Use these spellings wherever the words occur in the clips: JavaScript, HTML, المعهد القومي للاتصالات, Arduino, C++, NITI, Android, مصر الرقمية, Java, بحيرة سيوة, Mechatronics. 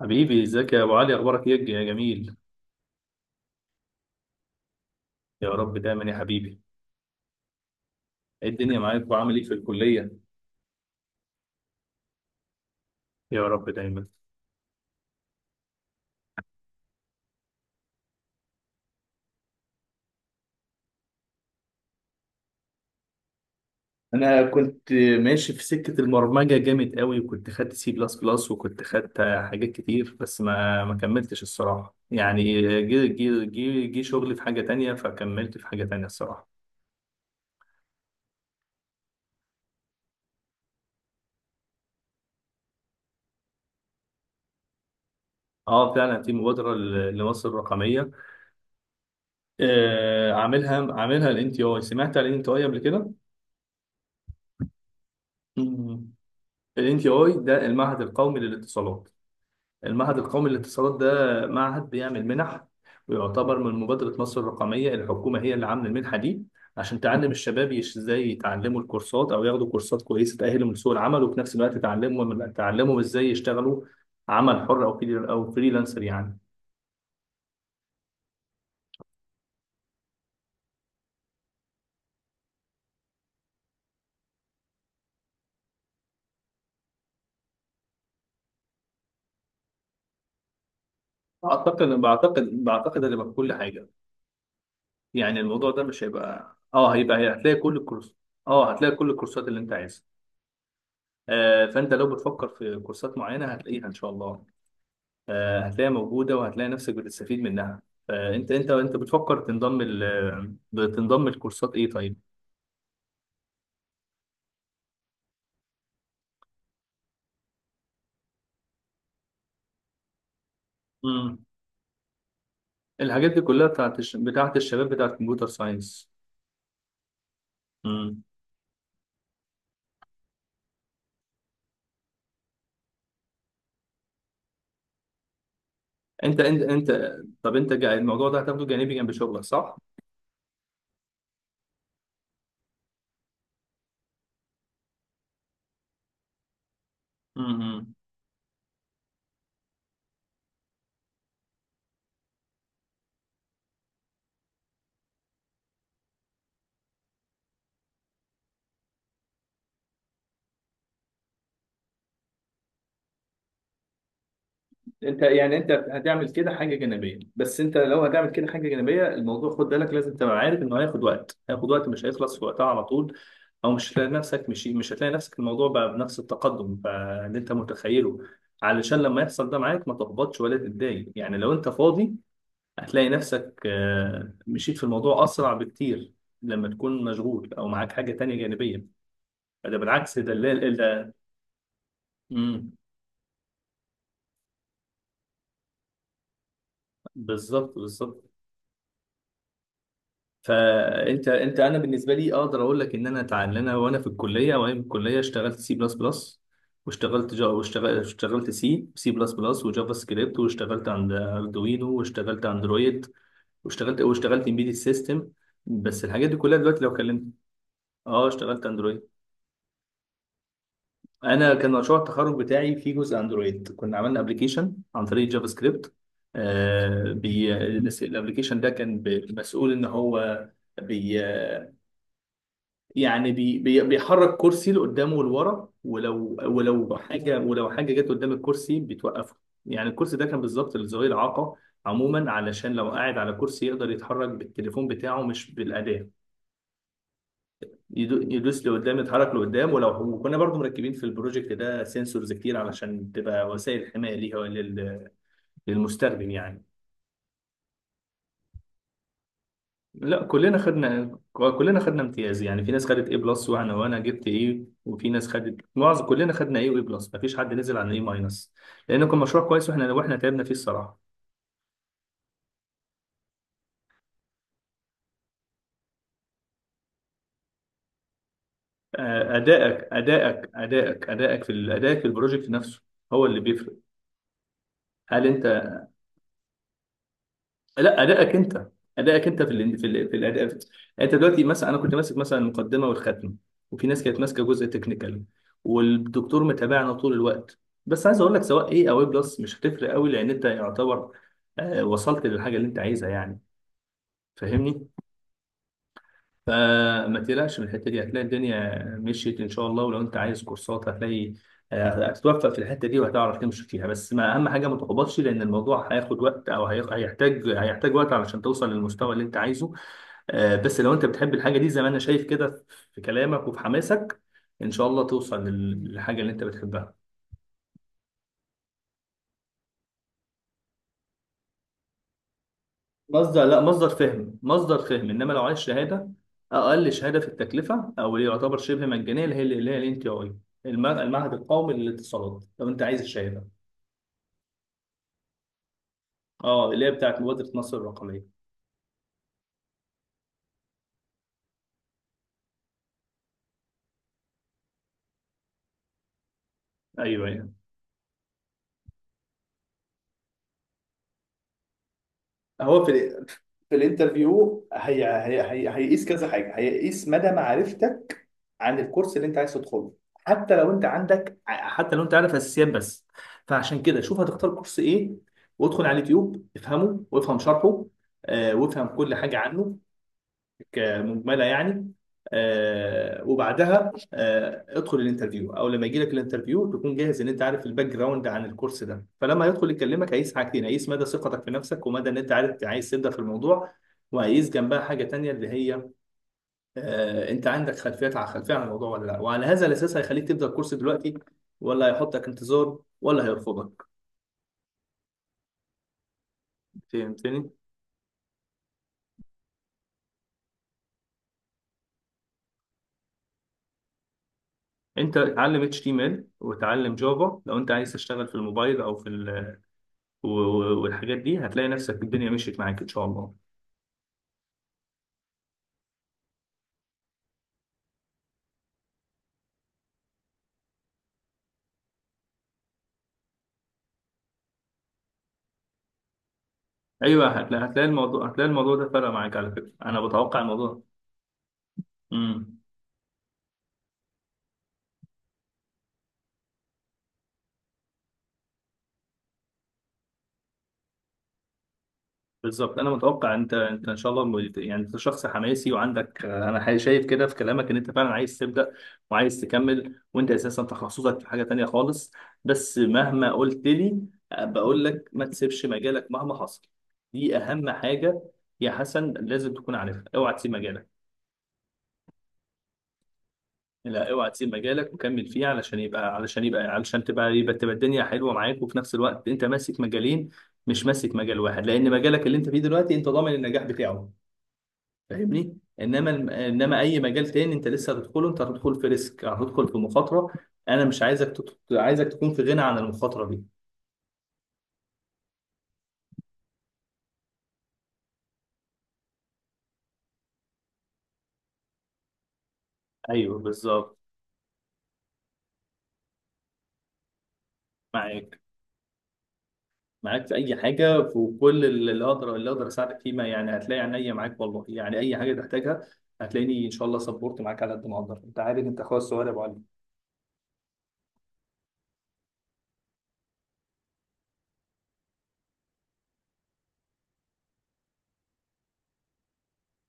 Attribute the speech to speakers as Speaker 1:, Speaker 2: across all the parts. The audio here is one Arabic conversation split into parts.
Speaker 1: حبيبي، ازيك يا ابو علي؟ اخبارك ايه يا جميل؟ يا رب دايما يا حبيبي. ايه الدنيا معاك وعامل ايه في الكليه؟ يا رب دايما. انا كنت ماشي في سكه البرمجه جامد قوي، وكنت خدت سي بلس بلس وكنت خدت حاجات كتير، بس ما كملتش الصراحه يعني. جه شغلي في حاجه تانية، فكملت في حاجه تانية الصراحه. اه فعلا في مبادره لمصر الرقميه. آه عاملها عاملها الان تي اي. سمعت عن الان تي اي قبل كده؟ الان تي اي ده المعهد القومي للاتصالات. المعهد القومي للاتصالات ده معهد بيعمل منح، ويعتبر من مبادرة مصر الرقمية. الحكومة هي اللي عاملة المنحة دي عشان تعلم الشباب ازاي يتعلموا الكورسات، او ياخدوا كورسات كويسة تأهلهم لسوق العمل، وفي نفس الوقت تعلمهم ازاي يشتغلوا عمل حر، او او فريلانسر يعني. اعتقد بعتقد بعتقد هتبقى كل حاجة. يعني الموضوع ده مش هيبقى، هيبقى هتلاقي كل الكورس. اه، هتلاقي كل الكورسات اللي انت عايزها. فانت لو بتفكر في كورسات معينة هتلاقيها ان شاء الله. هتلاقيها موجودة، وهتلاقي نفسك بتستفيد منها. انت بتفكر تنضم تنضم لكورسات ايه طيب؟ مم. الحاجات دي كلها بتاعت الشباب، بتاعت كمبيوتر ساينس. انت انت انت طب الموضوع ده هتاخده جانبي جنب شغلك صح؟ مم. انت يعني انت هتعمل كده حاجه جانبيه، بس انت لو هتعمل كده حاجه جانبيه، الموضوع خد بالك، لازم تبقى عارف انه هياخد وقت، هياخد وقت، مش هيخلص في وقتها على طول. او مش هتلاقي نفسك، مش هتلاقي نفسك الموضوع بقى بنفس التقدم بقى اللي انت متخيله. علشان لما يحصل ده معاك ما تحبطش ولا تتضايق. يعني لو انت فاضي هتلاقي نفسك مشيت في الموضوع اسرع بكتير. لما تكون مشغول او معاك حاجه تانية جانبيه، ده بالعكس، ده اللي ده. مم. بالظبط، بالظبط. فانت انا بالنسبه لي اقدر اقول لك ان انا اتعلم، انا وانا في الكليه، وانا في الكليه اشتغلت سي بلس بلس، واشتغلت سي بلس بلس وجافا سكريبت، واشتغلت عند اردوينو، واشتغلت اندرويد، واشتغلت امبيدد سيستم. بس الحاجات دي كلها دلوقتي لو كلمت. اه، اشتغلت اندرويد. انا كان مشروع التخرج بتاعي فيه جزء اندرويد، كنا عملنا ابلكيشن عن طريق جافا سكريبت. آه بي الابلكيشن ده كان مسؤول ان هو بي... يعني بي بيحرك كرسي لقدام ولورا، ولو حاجه جت قدام الكرسي بتوقفه. يعني الكرسي ده كان بالظبط لذوي الاعاقه عموما، علشان لو قاعد على كرسي يقدر يتحرك بالتليفون بتاعه مش بالاداه. يدوس لقدام، يتحرك لقدام، وكنا برضو مركبين في البروجكت ده سنسورز كتير علشان تبقى وسائل حمايه ليها للمستخدم يعني. لا، كلنا خدنا امتياز. يعني في ناس خدت ايه بلس، وانا جبت ايه، وفي ناس خدت معظم، كلنا خدنا ايه وايه بلس، مفيش حد نزل عن ايه ماينس، لان كان مشروع كويس واحنا تعبنا فيه الصراحه. ادائك في البروجكت نفسه هو اللي بيفرق. هل انت لا، ادائك انت في الاداء يعني. انت دلوقتي مثلا، انا كنت ماسك مثلا المقدمه والختم، وفي ناس كانت ماسكه جزء تكنيكال، والدكتور متابعنا طول الوقت. بس عايز اقول لك سواء ايه او ايه بلس مش هتفرق قوي، لان انت يعتبر وصلت للحاجه اللي انت عايزها يعني، فاهمني؟ فما تقلقش من الحته دي، هتلاقي الدنيا مشيت ان شاء الله، ولو انت عايز كورسات هتلاقي. هتتوفق في الحته دي وهتعرف تمشي فيها. بس ما اهم حاجه ما تحبطش، لان الموضوع هياخد وقت، او هيحتاج وقت علشان توصل للمستوى اللي انت عايزه. بس لو انت بتحب الحاجه دي زي ما انا شايف كده في كلامك وفي حماسك، ان شاء الله توصل للحاجه اللي انت بتحبها. مصدر، لا، مصدر فهم، مصدر فهم، انما لو عايز شهاده، اقل شهاده في التكلفه او اللي يعتبر شبه مجانيه، اللي هي اللي هي الان تي اي، المعهد القومي للاتصالات، لو انت عايز الشهاده. اه، اللي هي بتاعت مبادره مصر الرقميه. ايوه، ايوه. هو في الانترفيو هي هي هي هيقيس كذا حاجه، هيقيس مدى معرفتك عن الكورس اللي انت عايز تدخله. حتى لو انت عارف اساسيات بس، فعشان كده شوف هتختار كورس ايه، وادخل على اليوتيوب افهمه وافهم شرحه، وافهم كل حاجه عنه، مجمله يعني. وبعدها ادخل الانترفيو، او لما يجي لك الانترفيو تكون جاهز ان انت عارف الباك جراوند عن الكورس ده، فلما يدخل يكلمك هيقيس حاجتين: هيقيس مدى ثقتك في نفسك، ومدى ان انت عارف أنت عايز تبدا في الموضوع. وهيقيس جنبها حاجه تانية اللي هي انت عندك خلفيات، على خلفيه عن الموضوع ولا لا، وعلى هذا الاساس هيخليك تبدا الكورس دلوقتي، ولا هيحطك انتظار، ولا هيرفضك. فهمتني؟ انت اتعلم اتش تي ام ال وتعلم جافا لو انت عايز تشتغل في الموبايل او في ال، والحاجات دي هتلاقي نفسك الدنيا مشيت معاك ان شاء الله. ايوه، هتلاقي الموضوع ده فرق معاك على فكره، انا بتوقع الموضوع ده. امم. بالظبط، انا متوقع انت ان شاء الله، يعني انت شخص حماسي، وعندك انا شايف كده في كلامك ان انت فعلا عايز تبدا، وعايز تكمل، وانت اساسا تخصصك في حاجه تانيه خالص. بس مهما قلت لي، بقول لك ما تسيبش مجالك مهما حصل، دي اهم حاجه يا حسن، لازم تكون عارفها. اوعى تسيب مجالك. لا، اوعى تسيب مجالك، وكمل فيه علشان تبقى الدنيا حلوه معاك، وفي نفس الوقت انت ماسك مجالين، مش ماسك مجال واحد، لان مجالك اللي انت فيه دلوقتي انت ضامن النجاح بتاعه، فاهمني؟ انما اي مجال تاني انت لسه هتدخله، انت هتدخل في ريسك، هتدخل في مخاطره. انا مش عايزك عايزك تكون في غنى عن المخاطره دي. ايوه بالظبط. معاك، معاك في اي حاجه، في كل اللي اقدر اساعدك فيه، ما يعني هتلاقي عينيا معاك والله، يعني اي حاجه تحتاجها هتلاقيني ان شاء الله سبورت معاك على قد ما اقدر، انت عارف انت اخويا الصغير يا ابو علي.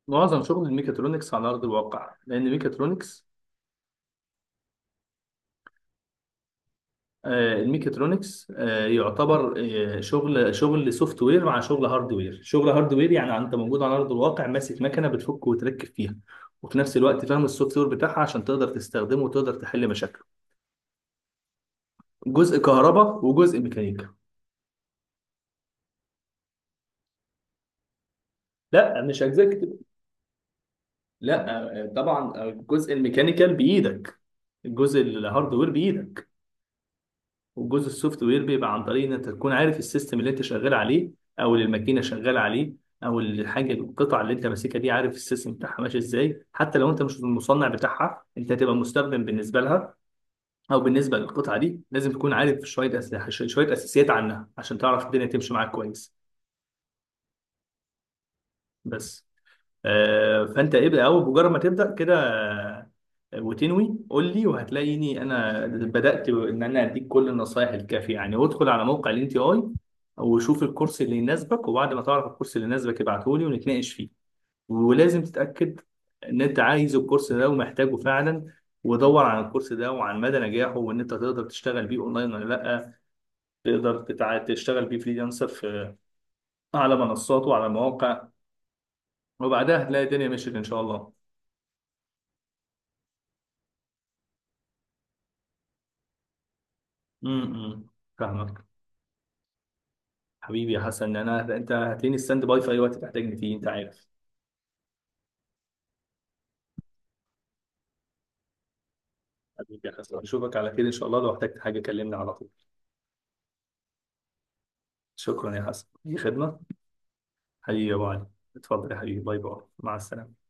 Speaker 1: معظم شغل الميكاترونكس على ارض الواقع، لان الميكاترونكس، الميكاترونكس يعتبر شغل سوفت وير مع شغل هارد وير. شغل هارد وير يعني انت موجود على ارض الواقع ماسك مكنه بتفك وتركب فيها، وفي نفس الوقت فاهم السوفت وير بتاعها عشان تقدر تستخدمه وتقدر تحل مشاكله. جزء كهرباء وجزء ميكانيكا. لا، مش اجزاء. لا، طبعا الجزء الميكانيكال بايدك، الجزء الهاردوير بايدك، والجزء السوفت وير بيبقى عن طريق ان انت تكون عارف السيستم اللي انت شغال عليه، او اللي الماكينه شغاله عليه، او الحاجه القطع اللي انت ماسكها دي، عارف السيستم بتاعها ماشي ازاي. حتى لو انت مش المصنع بتاعها، انت هتبقى مستخدم بالنسبه لها او بالنسبه للقطعه دي، لازم تكون عارف شويه شويه اساسيات عنها عشان تعرف الدنيا تمشي معاك كويس. بس فانت ابدا، اول مجرد ما تبدا كده وتنوي قول لي، وهتلاقيني انا بدات ان انا اديك كل النصائح الكافيه يعني. وادخل على موقع الان تي اي، وشوف الكورس اللي يناسبك، وبعد ما تعرف الكورس اللي يناسبك ابعته لي ونتناقش فيه، ولازم تتاكد ان انت عايز الكورس ده ومحتاجه فعلا، ودور عن الكورس ده وعن مدى نجاحه، وان انت تقدر تشتغل بيه اونلاين ولا لا، تقدر تشتغل بيه فريلانسر في، على منصات وعلى مواقع. وبعدها هتلاقي الدنيا مشيت ان شاء الله. امم. فاهمك. حبيبي يا حسن، انا انت هتلاقيني ستاند باي في اي وقت تحتاجني فيه، انت عارف. حبيبي يا حسن، اشوفك على خير ان شاء الله، لو احتجت حاجه كلمني على طول. شكرا يا حسن، اي خدمه. حبيبي يا ابو علي، اتفضل يا حبيبي، باي باي، مع السلامه.